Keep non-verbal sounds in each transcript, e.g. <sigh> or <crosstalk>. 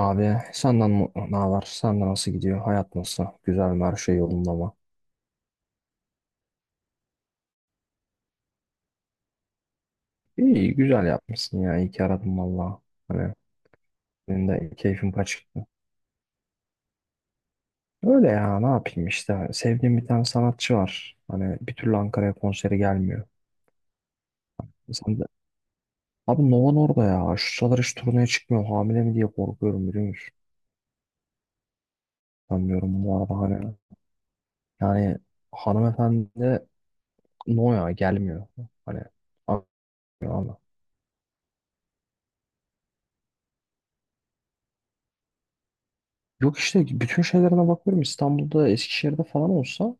Abi senden ne var? Senden nasıl gidiyor? Hayat nasıl? Güzel mi? Her şey yolunda mı? İyi güzel yapmışsın ya. İyi ki aradım valla. Hani benim de keyfim kaçıktı. Öyle ya ne yapayım işte. Sevdiğim bir tane sanatçı var. Hani bir türlü Ankara'ya konseri gelmiyor. Sen de... Abi Nova orada ya. Şu sıralar hiç turneye çıkmıyor. Hamile mi diye korkuyorum biliyor musun? Sanmıyorum bu arada hani. Yani hanımefendi no ya gelmiyor. Hani anlıyor. Yok işte bütün şeylerine bakıyorum, İstanbul'da, Eskişehir'de falan olsa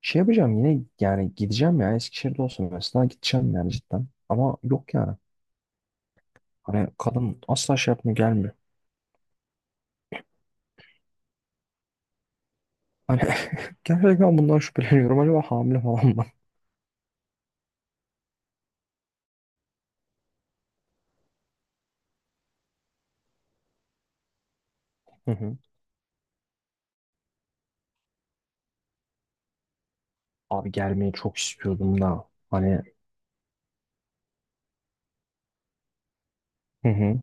şey yapacağım yine, yani gideceğim ya. Eskişehir'de olsa mesela gideceğim yani, cidden. Ama yok yani, hani kadın asla şey yapmıyor, gelmiyor. Hani <laughs> gerçekten bundan şüpheleniyorum, acaba hamile falan mı? Hı hı. Abi gelmeyi çok istiyordum da hani, hı hı.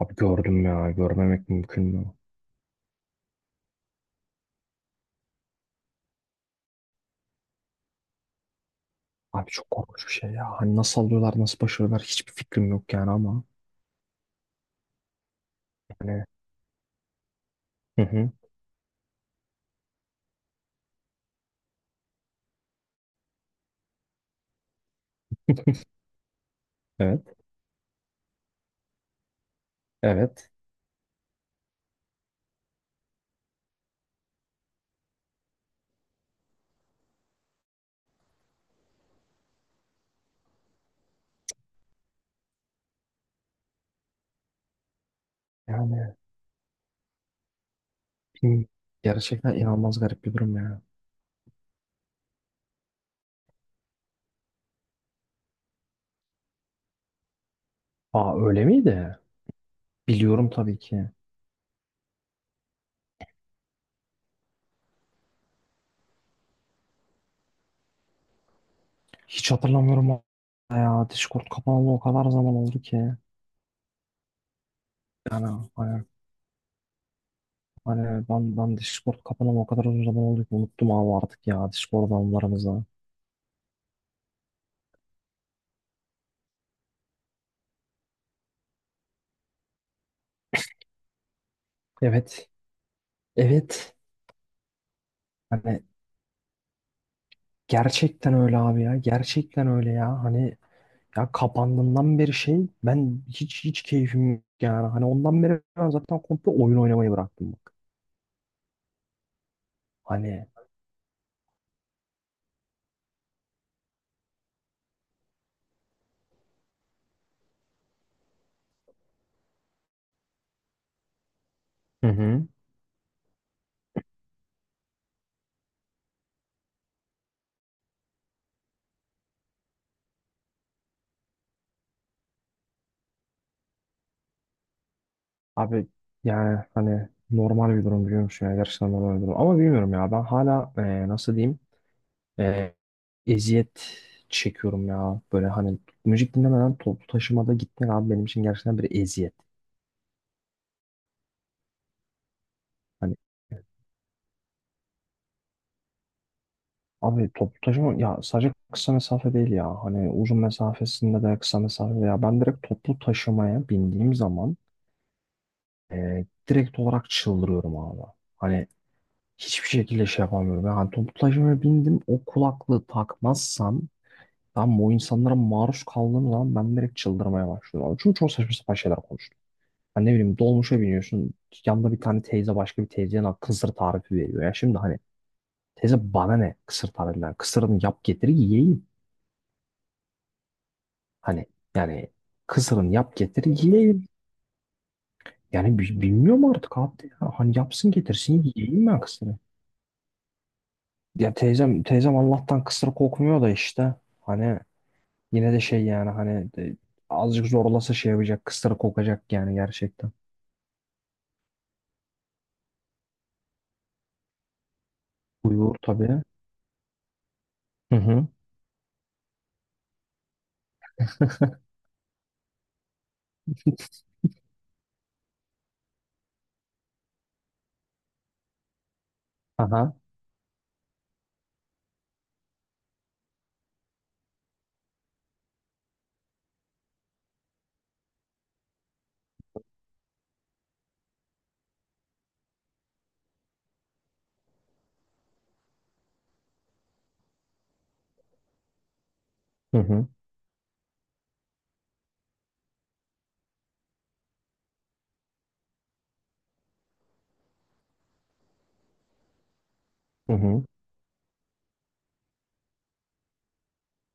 Abi gördüm ya, görmemek mümkün mü? Abi çok korkunç bir şey ya, hani nasıl alıyorlar, nasıl başarıyorlar, hiçbir fikrim yok yani ama. Hani, hı hı. Evet, evet yani. Hı. Gerçekten inanılmaz garip bir durum ya. Aa, öyle miydi? Biliyorum tabii ki. Hiç hatırlamıyorum ya. Discord kapanalı o kadar zaman oldu ki. Yani hani, ben Discord kapanalı o kadar uzun zaman oldu ki, unuttum abi artık ya Discord anılarımızı. Evet. Evet. Hani gerçekten öyle abi ya. Gerçekten öyle ya. Hani ya, kapandığından beri şey, ben hiç hiç keyfim yok yani. Hani ondan beri ben zaten komple oyun oynamayı bıraktım bak. Hani, hı hı. Abi yani hani normal bir durum, biliyor musun ya, gerçekten normal bir durum. Ama bilmiyorum ya, ben hala nasıl diyeyim, e, eziyet çekiyorum ya. Böyle hani müzik dinlemeden toplu taşımada gitmek abi benim için gerçekten bir eziyet. Hani abi toplu taşıma ya, sadece kısa mesafe değil ya. Hani uzun mesafesinde de, kısa mesafede ya. Ben direkt toplu taşımaya bindiğim zaman direkt olarak çıldırıyorum abi. Hani hiçbir şekilde şey yapamıyorum. Yani toplu taşımaya bindim, o kulaklığı takmazsam, tamam, bu insanlara maruz kaldığım zaman ben direkt çıldırmaya başlıyorum. Abi. Çünkü çok saçma sapan şeyler konuştum. Hani ne bileyim, dolmuşa biniyorsun. Yanında bir tane teyze başka bir teyzeye lan kısır tarifi veriyor. Ya şimdi hani, teyze bana ne kısır tarifinden? Kısırını yap getir yiyeyim. Hani yani, kısırını yap getir yiyeyim. Yani bilmiyorum artık abi, de ya. Hani yapsın getirsin yiyeyim ben kısırı. Ya teyzem teyzem Allah'tan kısır kokmuyor da işte. Hani yine de şey yani hani azıcık zorlasa şey yapacak, kısır kokacak yani, gerçekten. Uyur tabii. Hı hı. Aha. Hı hı. Hı hı.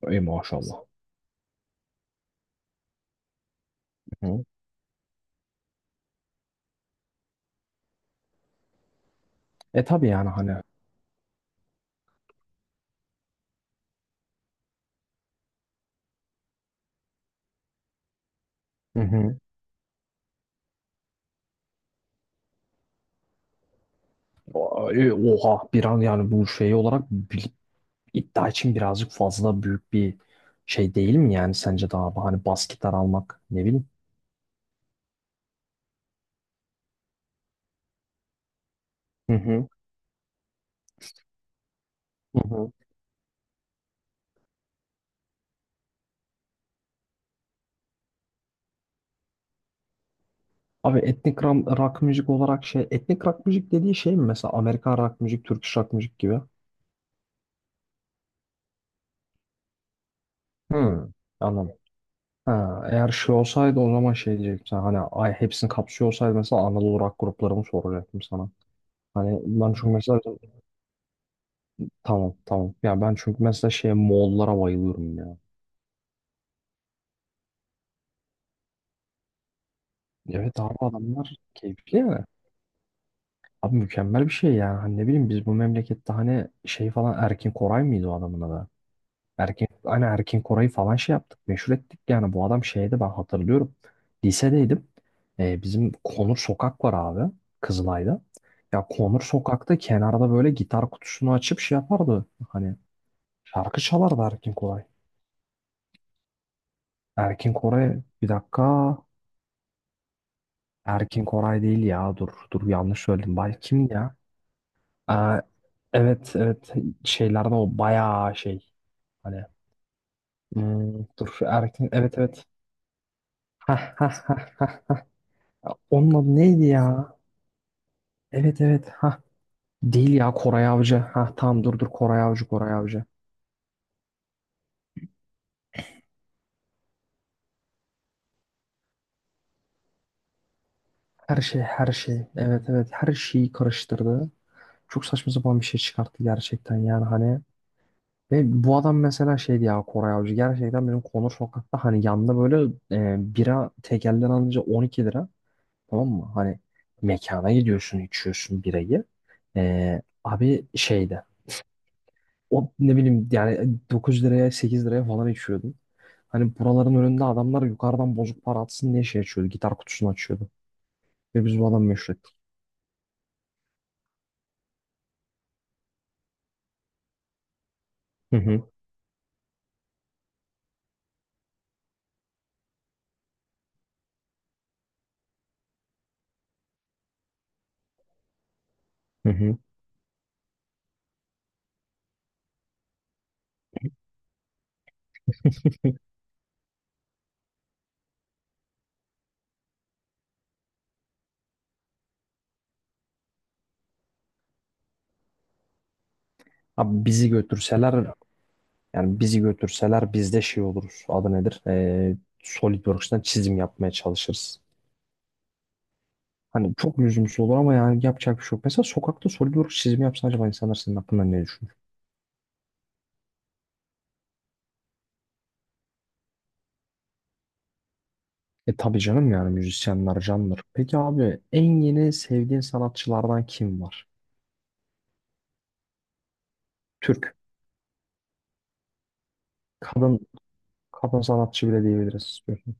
Ey maşallah. Hı hı. E tabii yani hani. Hı hı. Oha, bir an yani bu şey olarak iddia için birazcık fazla büyük bir şey değil mi yani sence daha abi? Hani bas gitar almak, ne bileyim. Hı hı. Hı hı. Abi etnik rock müzik olarak şey, etnik rock müzik dediği şey mi mesela, Amerikan rock müzik, Türk rock müzik gibi? Hı. Anladım. Ha, eğer şey olsaydı o zaman şey diyecektim sana. Hani ay, hepsini kapsıyor olsaydı mesela, Anadolu rock gruplarımı soracaktım sana. Hani ben çünkü mesela, tamam tamam. Ya ben çünkü mesela şey, Moğollara bayılıyorum ya. Evet abi, adamlar keyifli ya. Abi mükemmel bir şey yani. Hani ne bileyim, biz bu memlekette hani şey falan, Erkin Koray mıydı o adamın adı? Erkin, hani Erkin Koray'ı falan şey yaptık, meşhur ettik. Yani bu adam şeydi, ben hatırlıyorum. Lisedeydim. Bizim Konur Sokak var abi, Kızılay'da. Ya Konur Sokak'ta kenarda böyle gitar kutusunu açıp şey yapardı. Hani şarkı çalardı Erkin Koray. Erkin Koray, bir dakika. Erkin Koray değil ya, dur dur, yanlış söyledim. Bay kimdi ya? Aa, evet evet, şeylerden o bayağı şey. Hani, dur Erkin, evet evet. <laughs> Ya onun adı neydi ya? Evet evet. Ha değil ya, Koray Avcı. Ha tamam, dur dur, Koray Avcı, Koray Avcı. Her şey her şey. Evet evet, her şeyi karıştırdı. Çok saçma sapan bir şey çıkarttı gerçekten yani, hani. Ve bu adam mesela şeydi ya, Koray Avcı. Gerçekten benim Konur Sokak'ta hani, yanında böyle bira tekelden alınca 12 lira. Tamam mı? Hani mekana gidiyorsun, içiyorsun birayı. E, abi şeydi. O ne bileyim, yani 9 liraya 8 liraya falan içiyordum. Hani buraların önünde adamlar yukarıdan bozuk para atsın diye şey açıyordu. Gitar kutusunu açıyordu. Ve biz bu adamı meşhur ettik. Hı hı. Hı hı. Abi bizi götürseler, yani bizi götürseler biz de şey oluruz. Adı nedir? SolidWorks'tan çizim yapmaya çalışırız. Hani çok lüzumsuz olur ama yani yapacak bir şey yok. Mesela sokakta SolidWorks çizimi yapsan, acaba insanlar senin hakkında ne düşünür? E tabii canım, yani müzisyenler candır. Peki abi, en yeni sevdiğin sanatçılardan kim var? Türk. Kadın, kadın sanatçı bile diyebiliriz istiyorsun.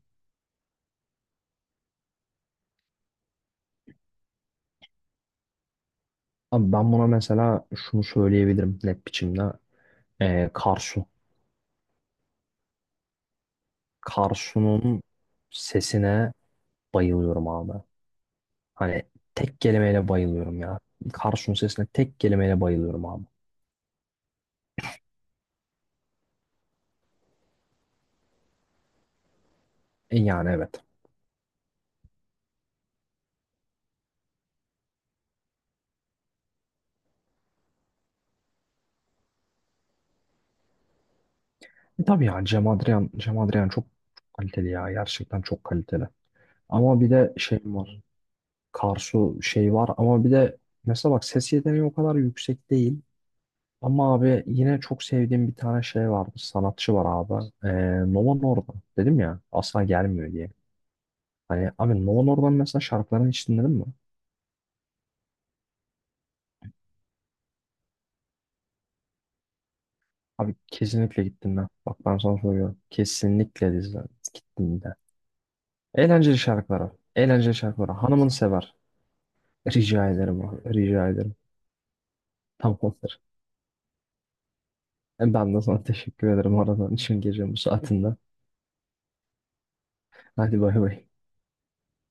Abi ben buna mesela şunu söyleyebilirim net biçimde. Karsu. Karsu'nun sesine bayılıyorum abi. Hani tek kelimeyle bayılıyorum ya. Karsu'nun sesine tek kelimeyle bayılıyorum abi. E yani evet. E tabii ya, Cem Adrian, Cem Adrian çok kaliteli ya. Gerçekten çok kaliteli. Ama bir de şey var. Karsu şey var ama bir de mesela bak, ses yeteneği o kadar yüksek değil. Ama abi yine çok sevdiğim bir tane şey var, bir sanatçı var abi. Nova Norda. Dedim ya asla gelmiyor diye. Hani abi, Nova Norda'nın mesela şarkılarını hiç dinledin mi? Abi kesinlikle gittim ben. Bak ben sana söylüyorum. Kesinlikle dizden gittim de. Eğlenceli şarkıları. Eğlenceli şarkıları. Hanımını sever. Rica ederim abi. Rica ederim. Tamamdır. E, ben de sana teşekkür ederim aradan için, gece bu saatinde. Hadi bay bay.